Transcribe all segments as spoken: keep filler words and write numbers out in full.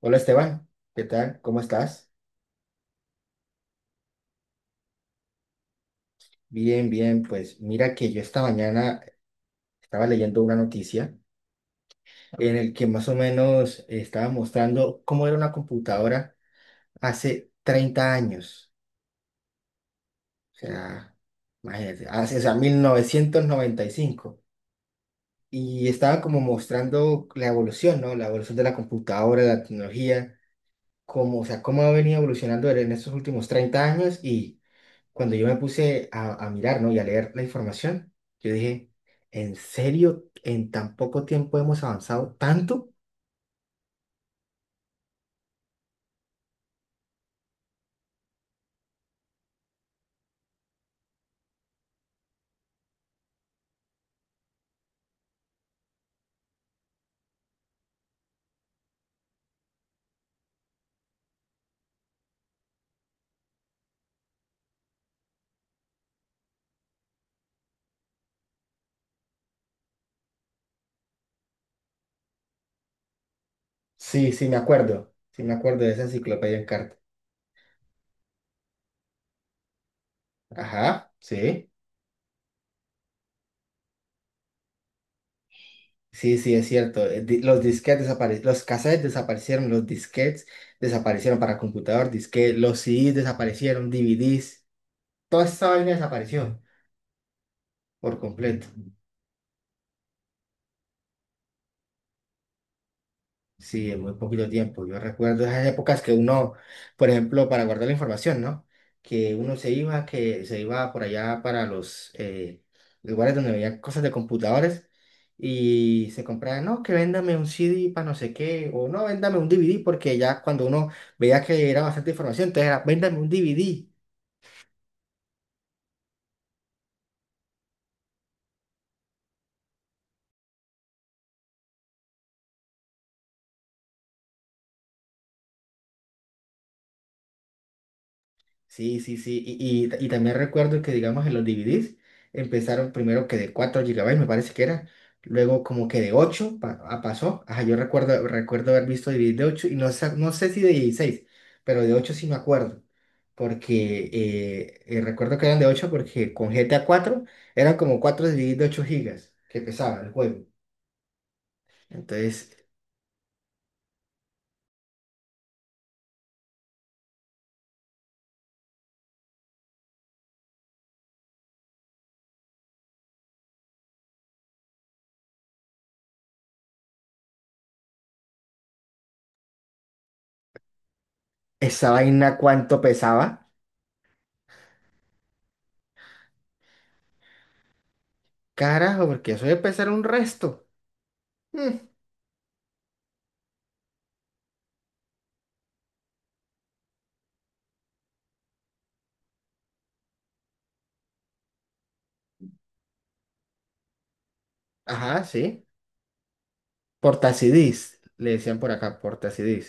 Hola Esteban, ¿qué tal? ¿Cómo estás? Bien, bien, pues mira que yo esta mañana estaba leyendo una noticia en el que más o menos estaba mostrando cómo era una computadora hace treinta años, o sea, imagínate, hace, o sea, mil novecientos noventa y cinco. Y estaba como mostrando la evolución, ¿no? La evolución de la computadora, la tecnología, cómo, o sea, cómo ha venido evolucionando en estos últimos treinta años y cuando yo me puse a, a mirar, ¿no? Y a leer la información, yo dije, ¿en serio? ¿En tan poco tiempo hemos avanzado tanto? Sí, sí, me acuerdo. Sí, me acuerdo de esa enciclopedia en carta. Ajá, sí. Sí, sí, es cierto. eh, di- Los disquetes desaparecieron, los cassettes desaparecieron, los disquetes desaparecieron para computador, disquete, los C Ds desaparecieron, D V Ds, toda esa vaina desapareció por completo. Sí, en muy poquito tiempo. Yo recuerdo esas épocas que uno, por ejemplo, para guardar la información, ¿no? Que uno se iba, que se iba por allá para los eh, lugares donde veía cosas de computadores y se compraba, no, que véndame un C D para no sé qué, o no, véndame un D V D, porque ya cuando uno veía que era bastante información, entonces era, véndame un D V D. Sí, sí, sí. Y, y- y también recuerdo que, digamos, en los D V Ds empezaron primero que de cuatro gigabytes me parece que era. Luego como que de ocho pa- ah, pasó. Ajá, yo recuerdo, recuerdo haber visto D V Ds de ocho y no, sa- no sé si de dieciséis pero de ocho sí me acuerdo. Porque eh, eh, recuerdo que eran de ocho porque con G T A cuatro eran como cuatro D V Ds de ocho gigabytes que pesaba el juego. Entonces, esa vaina cuánto pesaba. Carajo, porque eso debe pesar un resto. Ajá, sí. Portacidís, le decían por acá, portacidís.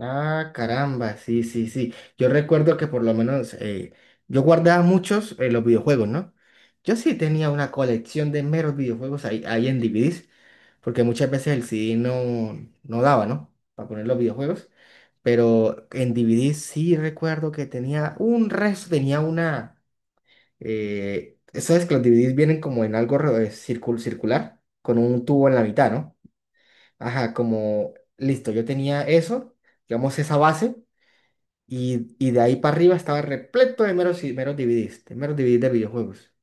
Ah, caramba, sí, sí, sí. Yo recuerdo que por lo menos eh, yo guardaba muchos en los videojuegos, ¿no? Yo sí tenía una colección de meros videojuegos ahí, ahí en D V Ds, porque muchas veces el C D no, no daba, ¿no? Para poner los videojuegos. Pero en D V D sí recuerdo que tenía un resto, tenía una. Eh, ¿sabes que los D V Ds vienen como en algo re- eh, circul- circular? Con un tubo en la mitad, ¿no? Ajá, como, listo, yo tenía eso, digamos, esa base, y, y de ahí para arriba estaba repleto de meros, y- meros D V Ds, de meros D V Ds de videojuegos.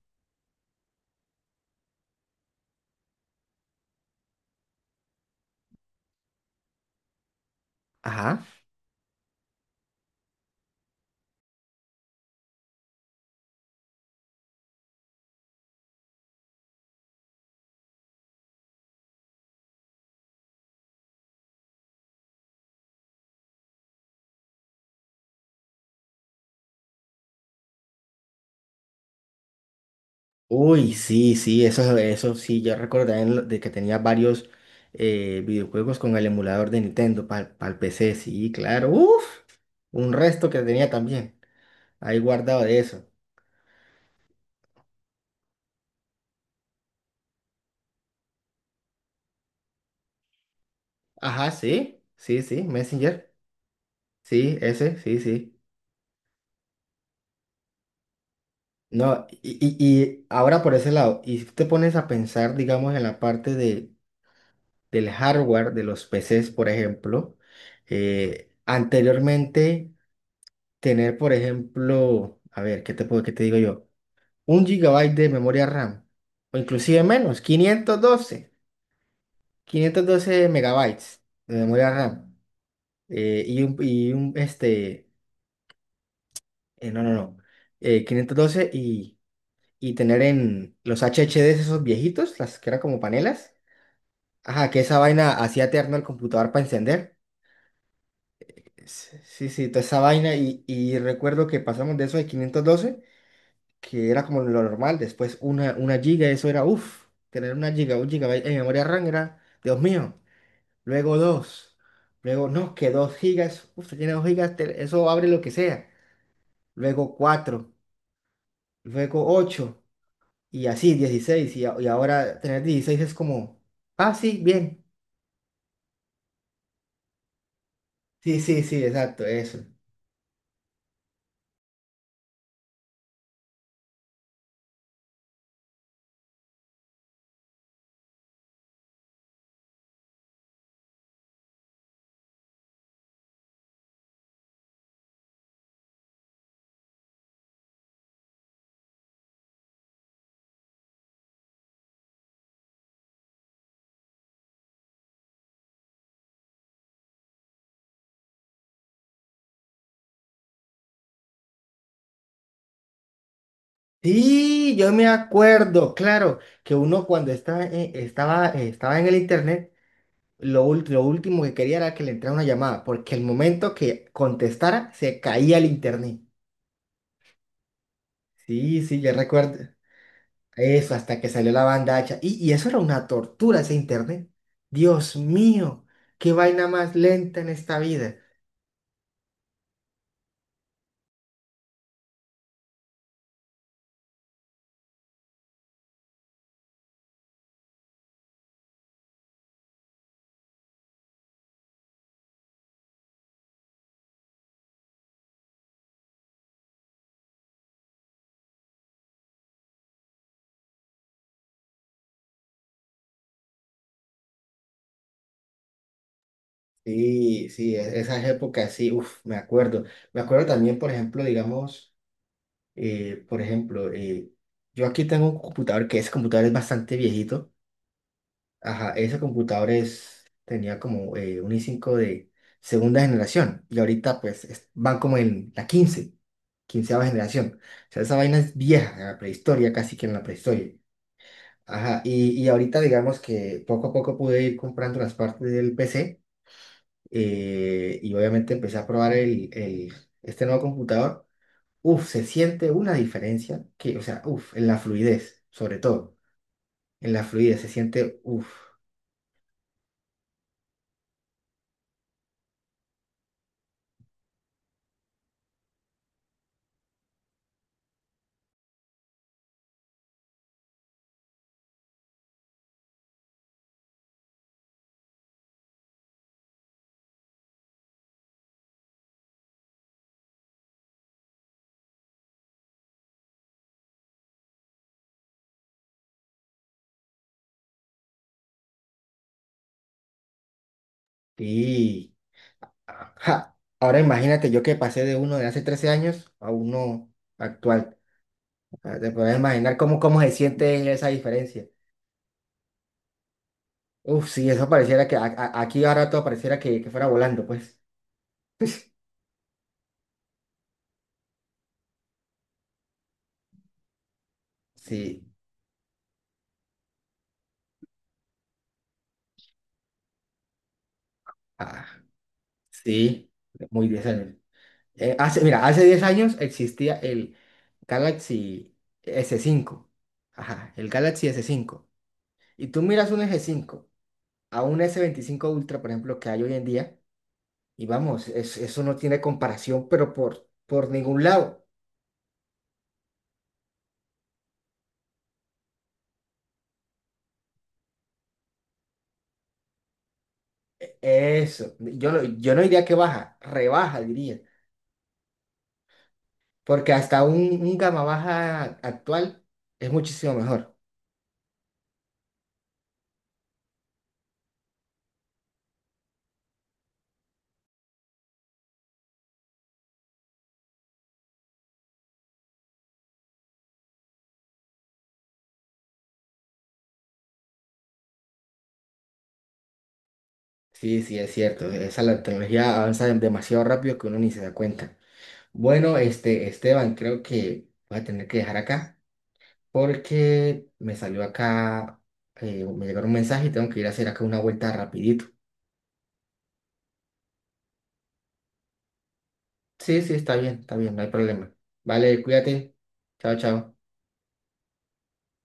Ajá. Uy, sí, sí, eso, eso sí, yo recuerdo también lo- de que tenía varios eh, videojuegos con el emulador de Nintendo para el P C, sí, claro, uff, un resto que tenía también, ahí guardado de eso. Ajá, sí, sí, sí, Messenger, sí, ese, sí, sí. No, y, y- y ahora por ese lado, y si te pones a pensar, digamos, en la parte de, del hardware de los P Cs, por ejemplo, eh, anteriormente tener, por ejemplo, a ver, ¿qué te puedo, qué te digo yo? Un gigabyte de memoria RAM, o inclusive menos, quinientos doce quinientos doce megabytes de memoria RAM, eh, y un, y un, este, eh, no, no, no, eh, quinientos doce y, y tener en los H D Ds esos viejitos, las que eran como panelas. Ajá, que esa vaina hacía eterno el computador para encender. S- Sí, sí, toda esa vaina. Y, y recuerdo que pasamos de eso de quinientos doce, que era como lo normal. Después una, una giga, eso era, uff, tener una giga, un gigabyte en memoria RAM era, Dios mío. Luego dos. Luego, no, que dos gigas. Uff, tiene dos gigas, te- eso abre lo que sea. Luego cuatro. Luego ocho. Y así, dieciséis. Y, a- y ahora tener dieciséis es como, ah, sí, bien. Sí, sí, sí, exacto, eso. Sí, yo me acuerdo, claro, que uno cuando estaba, eh, estaba, eh, estaba en el internet, lo, ult- lo último que quería era que le entrara una llamada, porque el momento que contestara se caía el internet. Sí, sí, yo recuerdo eso, hasta que salió la banda ancha. Y, y eso era una tortura, ese internet. Dios mío, qué vaina más lenta en esta vida. Sí, sí, e- esas épocas, sí, uff, me acuerdo. Me acuerdo también, por ejemplo, digamos. Eh, por ejemplo, eh, yo aquí tengo un computador que ese computador es bastante viejito. Ajá, ese computador es, tenía como eh, un i cinco de segunda generación y ahorita pues es- van como en la quince quinceava generación. O sea, esa vaina es vieja, en la prehistoria, casi que en la prehistoria. Ajá, y, y ahorita digamos que poco a poco pude ir comprando las partes del P C eh, y obviamente empecé a probar el, el- este nuevo computador. Uf, se siente una diferencia que, o sea, uf, en la fluidez, sobre todo, en la fluidez se siente, uf, y... ajá. Ahora imagínate yo que pasé de uno de hace trece años a uno actual. O sea, te puedes imaginar cómo, cómo se siente esa diferencia. Uf, sí, eso pareciera que a- a- aquí ahora todo pareciera que, que fuera volando, pues. Sí, ah, sí, muy bien. Eh, hace, mira, hace diez años existía el Galaxy S cinco. Ajá, el Galaxy S cinco. Y tú miras un S cinco a un S veinticinco Ultra, por ejemplo, que hay hoy en día, y vamos, es- eso no tiene comparación, pero por, por ningún lado. Eso, yo no, yo no diría que baja, rebaja, diría. Porque hasta un, un gama baja actual es muchísimo mejor. Sí, sí, es cierto. Esa la tecnología avanza demasiado rápido que uno ni se da cuenta. Bueno, este, Esteban, creo que voy a tener que dejar acá porque me salió acá, eh, me llegaron un mensaje y tengo que ir a hacer acá una vuelta rapidito. Sí, sí, está bien, está bien, no hay problema. Vale, cuídate. Chao, chao.